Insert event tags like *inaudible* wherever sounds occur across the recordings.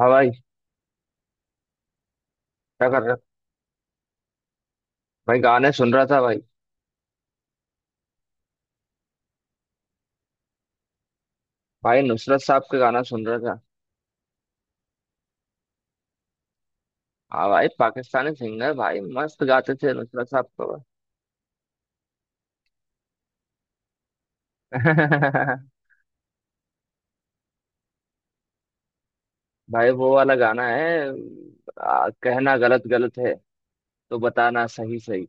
हाँ भाई। क्या कर रहा भाई। गाने सुन रहा था भाई। भाई नुसरत साहब के गाना सुन रहा था। हाँ भाई, पाकिस्तानी सिंगर भाई, मस्त गाते थे नुसरत साहब को भाई। *laughs* भाई वो वाला गाना है। कहना गलत गलत है तो बताना सही सही।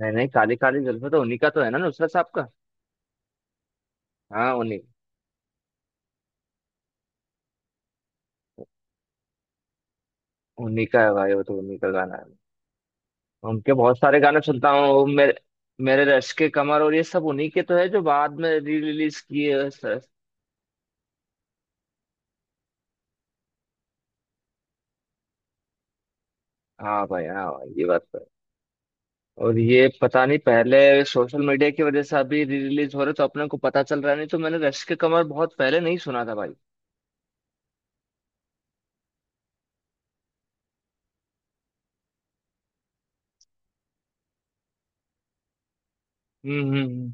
नहीं नहीं, काली काली जुल्फे तो उन्हीं का तो है ना, नुसरत साहब का। हाँ, उन्हीं। उन्हीं का है भाई, वो तो उन्हीं का गाना है। उनके बहुत सारे गाने सुनता हूँ वो मेरे। मेरे रश के कमर और ये सब उन्हीं के तो है जो बाद में री रिलीज किए हैं, सर। हाँ भाई, हाँ भाई, ये बात तो है। और ये पता नहीं पहले सोशल मीडिया की वजह से अभी री रिलीज हो रहे तो अपने को पता चल रहा है, नहीं तो मैंने रश के कमर बहुत पहले नहीं सुना था भाई। हम्म हम्म हम्म।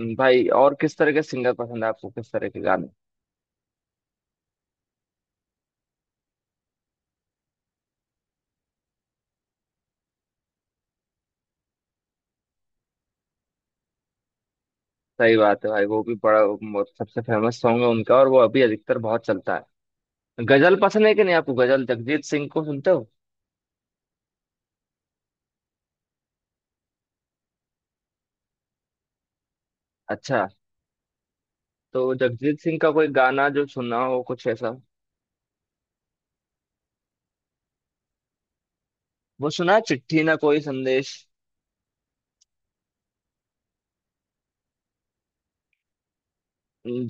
भाई और किस तरह के सिंगर पसंद है आपको, किस तरह के गाने। सही बात है भाई, वो भी बड़ा, वो सबसे फेमस सॉन्ग है उनका और वो अभी अधिकतर बहुत चलता है। गजल पसंद है कि नहीं आपको, गजल जगजीत सिंह को सुनते हो। अच्छा। तो जगजीत सिंह का कोई गाना जो सुना हो कुछ ऐसा। वो सुना है, चिट्ठी ना कोई संदेश।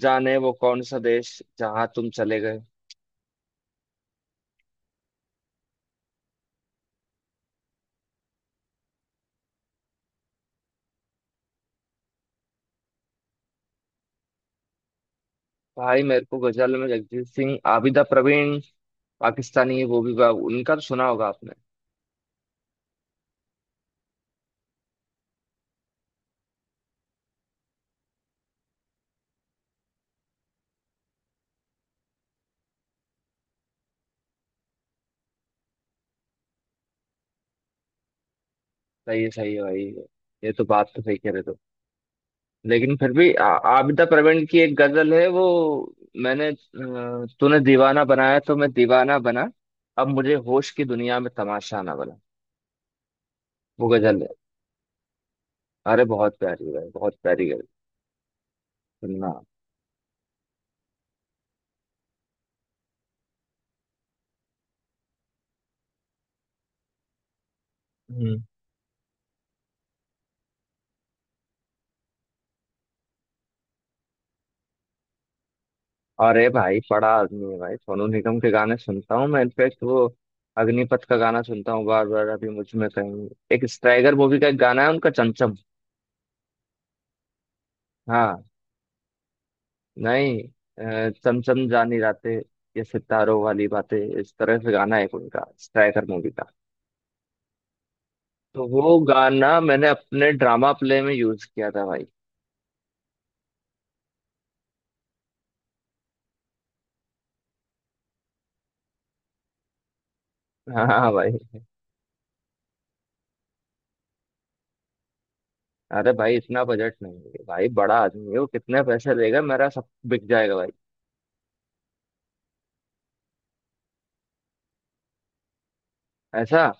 जाने वो कौन सा देश जहाँ तुम चले गए। भाई मेरे को गजल में जगजीत सिंह, आबिदा प्रवीण। पाकिस्तानी है वो भी, उनका तो सुना होगा आपने। सही है, सही है भाई, ये तो बात तो सही कह रहे तो। लेकिन फिर भी आबिदा प्रवीण की एक गजल है वो। मैंने, तूने दीवाना बनाया तो मैं दीवाना बना, अब मुझे होश की दुनिया में तमाशा ना बना। वो गजल है। अरे बहुत प्यारी है भाई, बहुत प्यारी गजल। सुनना। अरे भाई, बड़ा आदमी है भाई। सोनू निगम के गाने सुनता हूँ मैं। इनफेक्ट वो अग्निपथ का गाना सुनता हूँ बार बार। अभी मुझ में कहीं एक स्ट्राइगर मूवी का एक गाना है उनका, चमचम। हाँ। नहीं। चमचम जानी रातें, ये सितारों वाली बातें, इस तरह से गाना है एक उनका स्ट्राइगर मूवी का। तो वो गाना मैंने अपने ड्रामा प्ले में यूज किया था भाई। हाँ भाई। अरे भाई इतना बजट नहीं है भाई, बड़ा आदमी है वो, कितने पैसे देगा, मेरा सब बिक जाएगा भाई। ऐसा।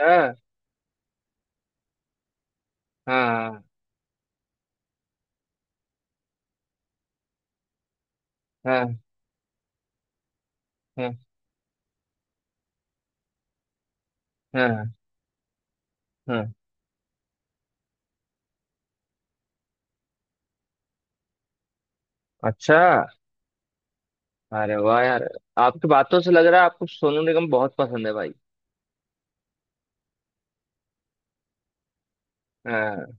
हाँ। हाँ। हाँ। हाँ। हाँ। हाँ। हाँ। अच्छा। अरे वाह यार, आपकी बातों से लग रहा है आपको सोनू निगम बहुत पसंद है भाई। हाँ।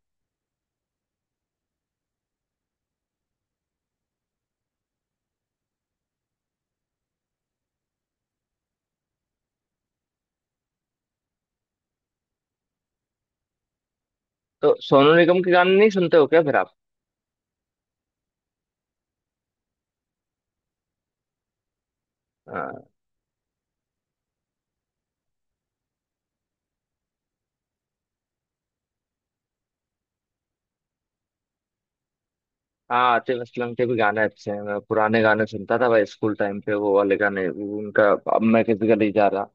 तो सोनू निगम के गाने नहीं सुनते हो क्या फिर आप। हाँ। हाँ, आतिफ असलम के भी गाने अच्छे हैं। मैं पुराने गाने सुनता था भाई, स्कूल टाइम पे, वो वाले गाने, वो उनका, अब मैं किस गली जा रहा,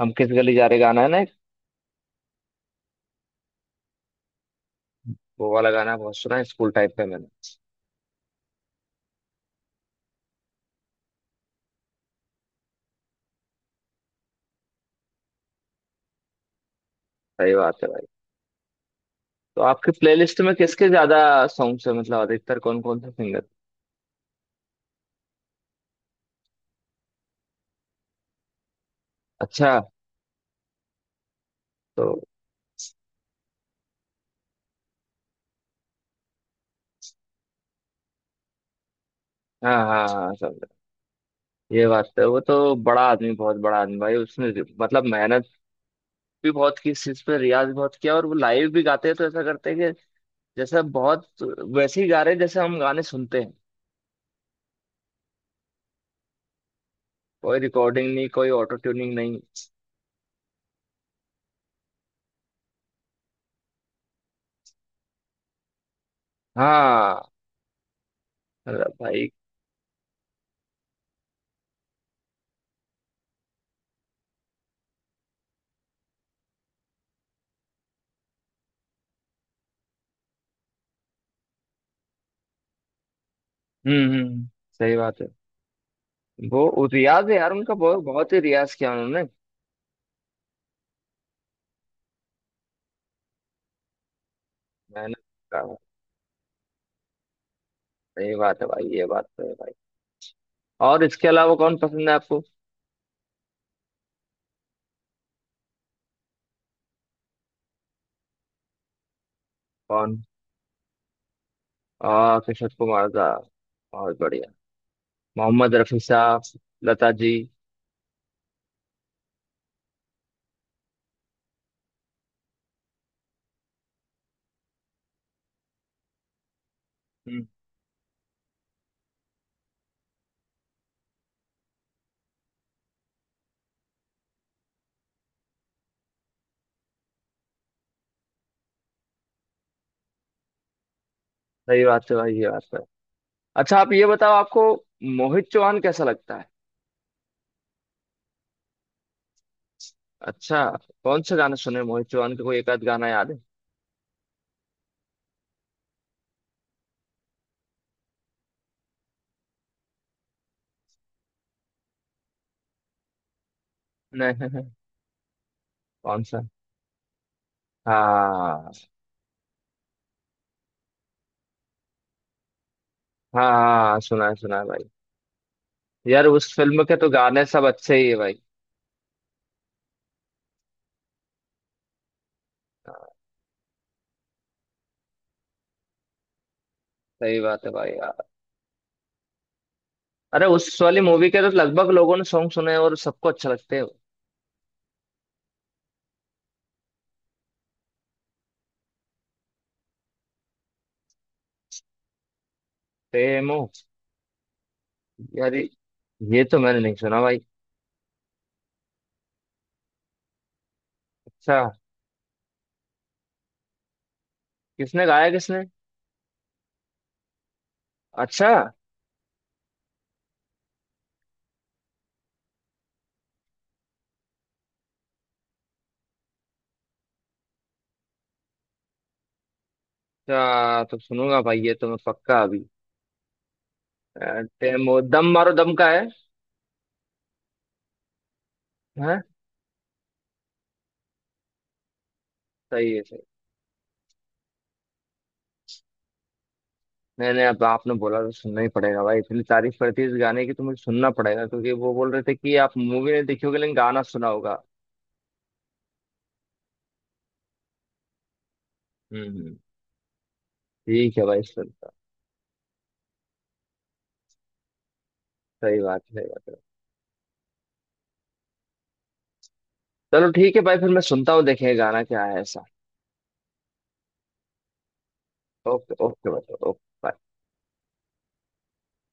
हम किस गली जा रहे, गाना है ना एक। वो वाला गाना बहुत सुना है स्कूल टाइम पे मैंने। सही बात है भाई। तो आपके प्लेलिस्ट में किसके ज्यादा सॉन्ग्स है, मतलब अधिकतर कौन कौन से सिंगर। अच्छा। तो हाँ हाँ हाँ, समझा। ये बात तो है, वो तो बड़ा आदमी, बहुत बड़ा आदमी भाई। उसने मतलब मेहनत भी बहुत की इस चीज पे, रियाज भी बहुत किया, और वो लाइव भी गाते हैं तो ऐसा करते हैं कि जैसे बहुत वैसे ही गा रहे हैं जैसे हम गाने सुनते हैं। कोई रिकॉर्डिंग नहीं, कोई ऑटो ट्यूनिंग नहीं। हाँ। अरे भाई। हम्म हम्म सही बात है। वो रियाज है यार उनका, बहुत बहुत ही रियाज किया उन्होंने। मेहनत का। सही बात है भाई, ये बात तो है भाई। और इसके अलावा कौन पसंद है आपको। कौन। आ किशोर कुमार का, बहुत बढ़िया। मोहम्मद रफी साहब। लता जी। हम्म, सही बात है भाई, ये बात तो है। अच्छा आप ये बताओ, आपको मोहित चौहान कैसा लगता है। अच्छा। कौन सा गाना सुने मोहित चौहान का, कोई एक आध गाना याद है। नहीं। *laughs* कौन सा। हाँ। हाँ हाँ, सुना है भाई। यार उस फिल्म के तो गाने सब अच्छे ही है भाई। हाँ, सही बात है भाई यार। अरे उस वाली मूवी के तो लगभग लोगों ने सॉन्ग सुने हैं और सबको अच्छा लगते हैं। प्रेम हो। यार ये तो मैंने नहीं सुना भाई। अच्छा। किसने गाया किसने। अच्छा। अच्छा तो सुनूंगा भाई, ये तो मैं पक्का अभी, अ, डेमो दम मारो दम का है। हाँ। सही है सही। मैंने अब आपने बोला तो सुनना ही पड़ेगा भाई, इतनी तारीफ करती है इस गाने की तो मुझे सुनना पड़ेगा, क्योंकि वो बोल रहे थे कि आप मूवी नहीं देखी होगी लेकिन गाना सुना होगा। हम्म। ठीक है भाई, सुनता। सही बात है, सही बात है। चलो ठीक है भाई, फिर मैं सुनता हूँ देखें गाना क्या है ऐसा। ओके ओके भाई, ओके।